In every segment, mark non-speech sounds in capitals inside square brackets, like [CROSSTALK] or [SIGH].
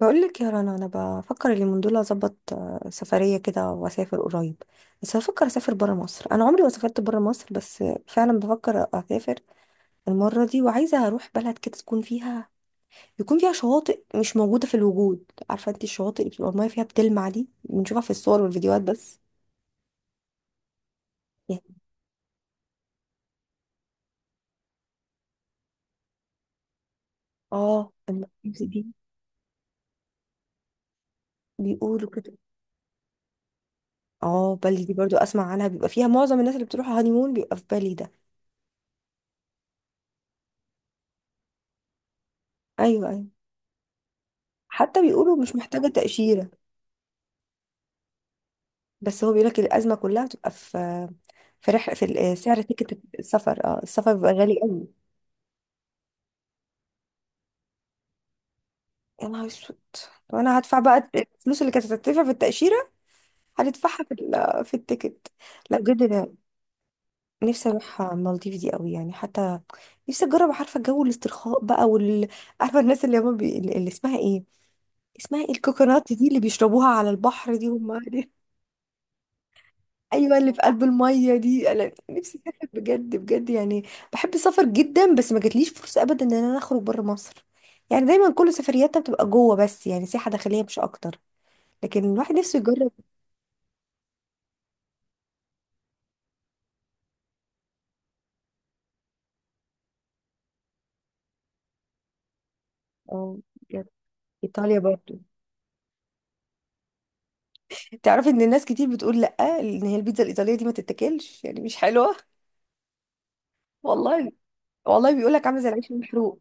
بقول لك يا رنا، انا بفكر اليومين دول اظبط سفريه كده واسافر قريب. بس بفكر اسافر بره مصر. انا عمري ما سافرت بره مصر، بس فعلا بفكر اسافر المره دي، وعايزه اروح بلد كده تكون فيها يكون فيها شواطئ مش موجوده في الوجود. عارفه انت الشواطئ اللي بتبقى الميه فيها بتلمع دي، بنشوفها في الصور والفيديوهات بس. يعني، اه، المالديفز دي. بيقولوا كده. اه، بالي دي برضو اسمع عنها. بيبقى فيها معظم الناس اللي بتروح هانيمون، بيبقى في بالي ده. ايوه، ايوه. حتى بيقولوا مش محتاجه تاشيره. بس هو بيقولك الأزمة كلها بتبقى في سعر تيكت السفر. اه السفر بيبقى غالي قوي. يا نهار اسود. طب انا هدفع بقى الفلوس اللي كانت هتدفع في التأشيرة، هندفعها في التيكت. لا، بجد انا نفسي اروح المالديف دي قوي يعني. حتى نفسي اجرب. عارفة جو الاسترخاء بقى عارفة الناس اللي اللي اسمها ايه الكوكونات دي اللي بيشربوها على البحر دي هم. ايوه، اللي في قلب الميه دي. انا نفسي اسافر بجد بجد يعني. بحب السفر جدا، بس ما جاتليش فرصه ابدا ان انا اخرج بره مصر. يعني دايما كل سفرياتنا بتبقى جوه بس، يعني سياحه داخليه مش اكتر. لكن الواحد نفسه يجرب. اه، بجد. ايطاليا برضو. تعرفي ان الناس كتير بتقول لا، ان هي البيتزا الايطاليه دي ما تتاكلش يعني، مش حلوه. والله، والله بيقول لك عامله زي العيش المحروق.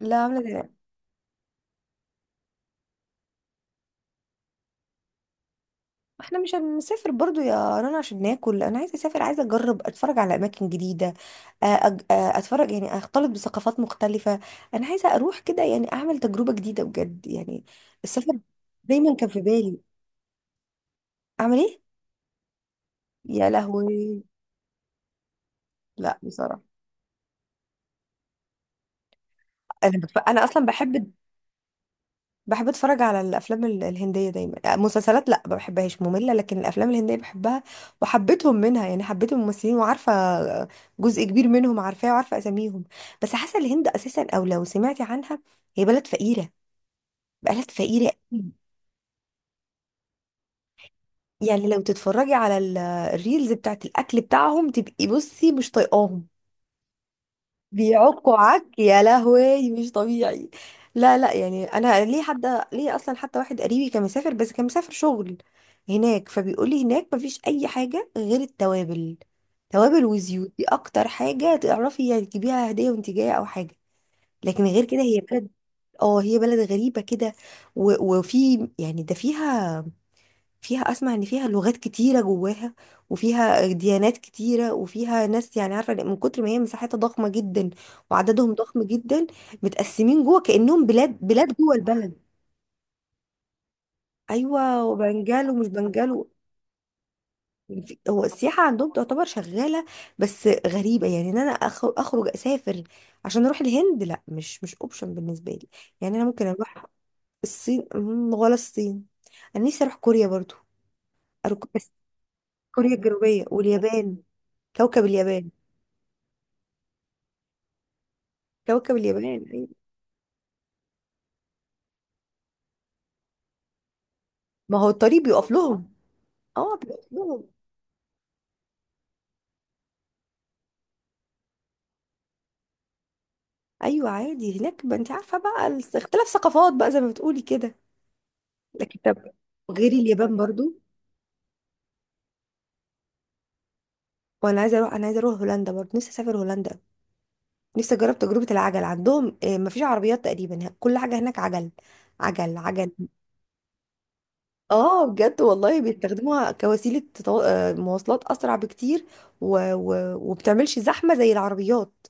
لا، عامله زي. احنا مش هنسافر برضو يا رنا عشان ناكل. انا عايزه اسافر، عايزه اجرب، اتفرج على اماكن جديده. اتفرج يعني، اختلط بثقافات مختلفه. انا عايزه اروح كده يعني، اعمل تجربه جديده بجد يعني. السفر. دايما كان في بالي. اعمل ايه؟ يا لهوي. لا، بصراحه. انا اصلا بحب اتفرج على الافلام الهنديه دايما. مسلسلات لا، ما بحبهاش، ممله. لكن الافلام الهنديه بحبها. وحبيتهم منها يعني، حبيت الممثلين، وعارفه جزء كبير منهم عارفاه وعارفه اساميهم. بس حاسه الهند اساسا، او لو سمعتي عنها، هي بلد فقيره، بلد فقيره أوي. يعني لو تتفرجي على الريلز بتاعت الاكل بتاعهم، تبقي بصي مش طايقاهم. بيعكوا عك، يا لهوي، مش طبيعي. لا، لا، يعني انا ليه اصلا، حتى واحد قريبي كان مسافر، بس كان مسافر شغل هناك. فبيقول لي هناك مفيش اي حاجه غير التوابل. توابل وزيوت دي اكتر حاجه تعرفي يعني تجيبيها هديه وانت جايه او حاجه. لكن غير كده، هي بلد غريبه كده. وفي يعني، ده فيها اسمع ان فيها لغات كتيره جواها. وفيها ديانات كتيره، وفيها ناس يعني. عارفه، من كتر ما هي مساحتها ضخمه جدا، وعددهم ضخم جدا. متقسمين جوه كانهم بلاد بلاد جوه البلد. ايوه، وبنجال ومش بنجال. هو السياحه عندهم تعتبر شغاله. بس غريبه يعني، ان انا اخرج اسافر عشان اروح الهند. لا، مش اوبشن بالنسبه لي. يعني انا ممكن اروح الصين ولا الصين. انا نفسي اروح كوريا برضو. اروح بس. كوريا الجنوبيه واليابان. كوكب اليابان. كوكب اليابان. أيوة. ما هو الطريق بيقف لهم. اه، بيقف لهم. ايوه عادي هناك، ما انت عارفه بقى اختلاف ثقافات بقى زي ما بتقولي كده. لكن طب، غير اليابان برضو. وانا عايزه اروح هولندا برضه. نفسي اسافر هولندا. نفسي اجرب تجربه العجل عندهم. ما فيش عربيات تقريبا، كل حاجه هناك عجل، عجل، عجل. اه، بجد والله بيستخدموها كوسيله تطو... آه، مواصلات اسرع بكتير. و... و... وبتعملش زحمه زي العربيات.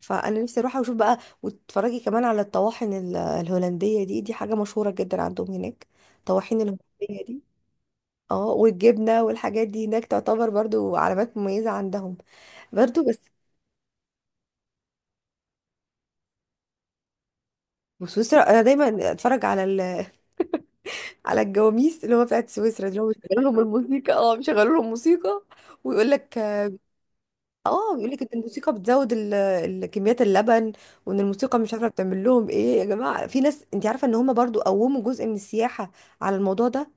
فانا نفسي اروح واشوف بقى، وتتفرجي كمان على الطواحن الهولنديه دي. دي حاجه مشهوره جدا عندهم هناك. الطواحين الهولنديه دي. اه، والجبنه والحاجات دي هناك تعتبر برضو علامات مميزه عندهم برضو بس. وسويسرا انا دايما اتفرج على [LAUGHS] على الجواميس اللي هو بتاعت سويسرا دي، اللي هو بيشغلوا لهم موسيقى، ويقول لك اه بيقول لك ان الموسيقى بتزود كميات اللبن. وان الموسيقى مش عارفه بتعمل لهم ايه، يا جماعه. في ناس انت عارفه ان هم برضو قوموا جزء من السياحه على الموضوع ده،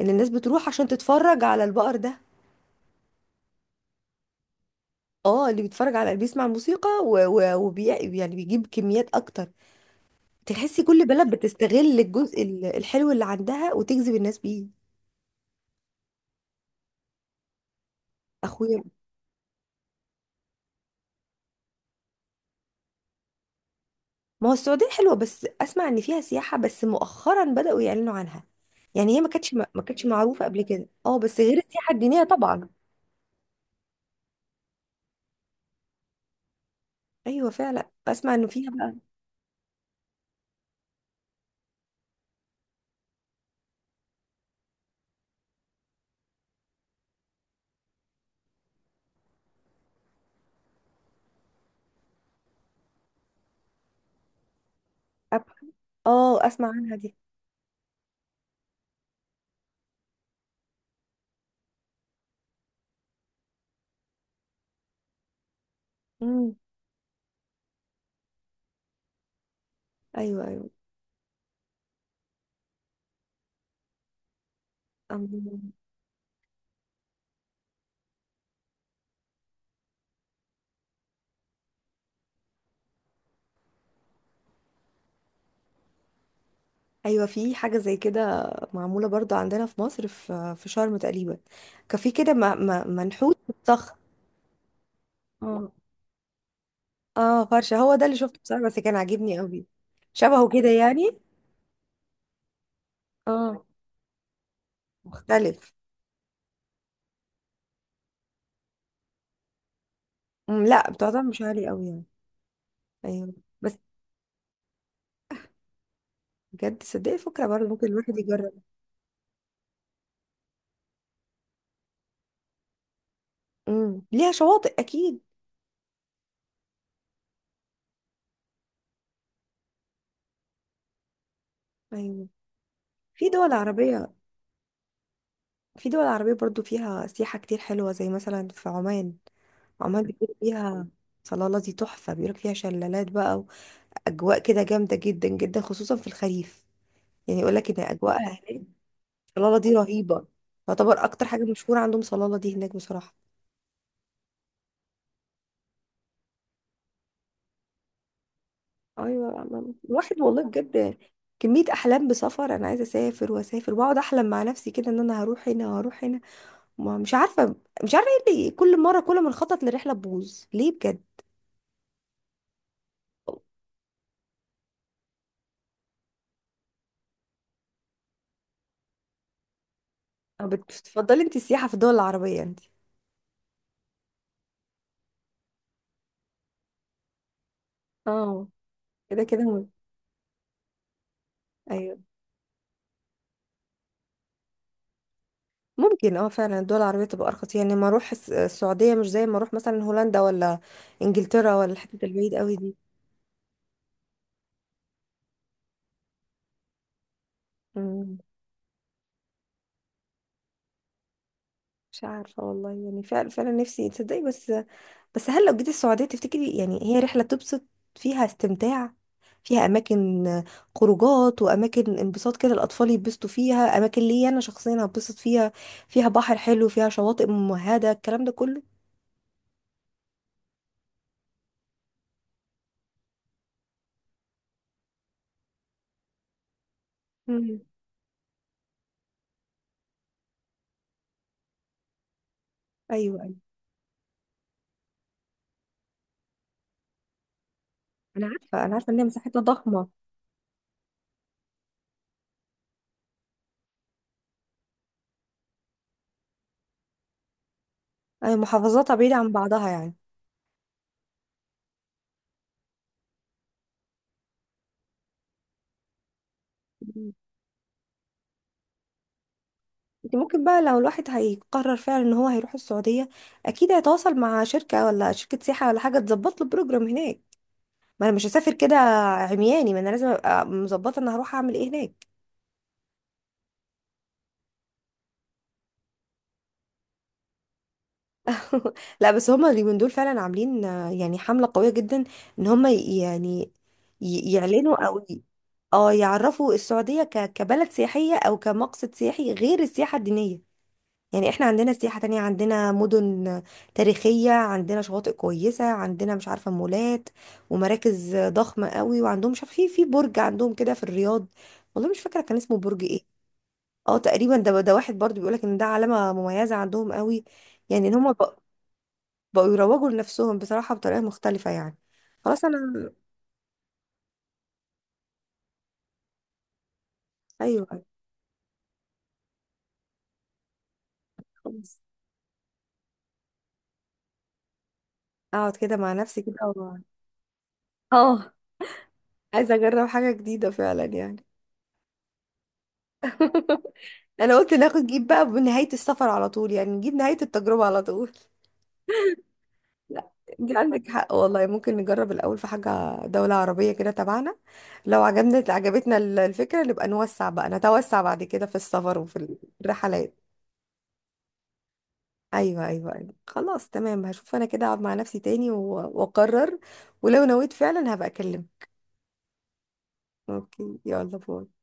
ان الناس بتروح عشان تتفرج على البقر ده. اه، اللي بيتفرج على بيسمع الموسيقى يعني بيجيب كميات اكتر. تحسي كل بلد بتستغل الجزء الحلو اللي عندها وتجذب الناس بيه. اخويا. ما هو السعودية حلوة، بس اسمع ان فيها سياحة بس مؤخرا بدأوا يعلنوا عنها. يعني هي ما كانتش معروفة قبل كده، اه، بس غير السياحة الدينية طبعا. ايوه، فعلا اسمع انه فيها بقى. أب- اه اسمع عنها دي. امم. ايوه، ايوه. أم- ايوه. في حاجه زي كده معموله برضو عندنا في مصر، في شرم تقريبا. كان في كده، منحوت بالطخ. اه، اه، فرشه هو ده اللي شفته بصراحه، بس كان عاجبني قوي. شبهه كده يعني. اه، مختلف. لا، بتاع ده مش عالي قوي يعني. ايوه. بس بجد صدقي فكره برضو ممكن الواحد يجرب. ليها شواطئ اكيد. ايوه، في دول عربيه في دول عربيه برضو فيها سياحه كتير حلوه زي مثلا في عمان. عمان بيقول فيها. صلاله دي تحفه، بيقولك فيها شلالات بقى. اجواء كده جامده جدا جدا، خصوصا في الخريف. يعني يقول لك ان اجواء هناك. صلاله دي رهيبه. تعتبر اكتر حاجه مشهوره عندهم صلاله دي هناك بصراحه. ايوه، الواحد والله بجد. كميه احلام بسفر. انا عايزه اسافر واسافر واقعد احلم مع نفسي كده، ان انا هروح هنا وهروح هنا. ما مش عارفه، مش عارفه ايه اللي كل ما نخطط لرحله تبوظ ليه بجد. أو بتفضلي انت السياحه في الدول العربيه انت؟ اه، كده كده، ايوه. ممكن، فعلا الدول العربية تبقى أرخص يعني، ما أروح السعودية مش زي ما أروح مثلا هولندا، ولا إنجلترا، ولا الحتت البعيد قوي دي. مم. مش عارفة والله يعني، فعلا فعلا نفسي تصدقي بس. بس هل لو جيت السعودية تفتكري يعني هي رحلة تبسط؟ فيها استمتاع؟ فيها أماكن؟ خروجات وأماكن انبساط كده، الأطفال يتبسطوا فيها، أماكن ليا أنا شخصيا هتبسط فيها؟ فيها بحر حلو، فيها شواطئ ممهدة، الكلام ده كله؟ مم. أيوه، أيوه. أنا عارفة، أنا عارفة إن هي مساحتها ضخمة. أي محافظاتها بعيدة عن بعضها يعني. مم. انت ممكن بقى، لو الواحد هيقرر فعلا ان هو هيروح السعودية، اكيد هيتواصل مع شركة ولا شركة سياحة ولا حاجة تظبط له بروجرام هناك. ما انا مش هسافر كده عمياني. ما انا لازم ابقى مظبطه انا هروح اعمل ايه هناك. [LAUGHS] لا، بس هما اليومين دول فعلا عاملين، يعني حمله قويه جدا، ان هما يعني يعلنوا، او اه يعرفوا السعوديه كبلد سياحيه او كمقصد سياحي غير السياحه الدينيه. يعني احنا عندنا سياحة تانية، عندنا مدن تاريخية، عندنا شواطئ كويسة، عندنا مش عارفة مولات ومراكز ضخمة قوي. وعندهم مش عارفة، في برج عندهم كده في الرياض. والله مش فاكرة كان اسمه برج ايه. اه، تقريبا ده واحد برضو بيقولك ان ده علامة مميزة عندهم قوي. يعني ان هم بقوا يروجوا لنفسهم بصراحة بطريقة مختلفة يعني. خلاص انا. ايوه. خلاص اقعد كده مع نفسي كده اه. عايزة اجرب حاجة جديدة فعلا يعني. [LAUGHS] انا قلت ناخد جيب بقى بنهاية السفر على طول، يعني نجيب نهاية التجربة على طول. [LAUGHS] لا، دي عندك حق والله، ممكن نجرب الاول في حاجة دولة عربية كده تبعنا. لو عجبتنا الفكرة، نبقى نوسع بقى نتوسع بعد كده في السفر وفي الرحلات. ايوه، ايوه، أيوة. خلاص، تمام، هشوف انا كده، اقعد مع نفسي تاني واقرر. ولو نويت فعلا هبقى اكلم. اوكي، يلا باي.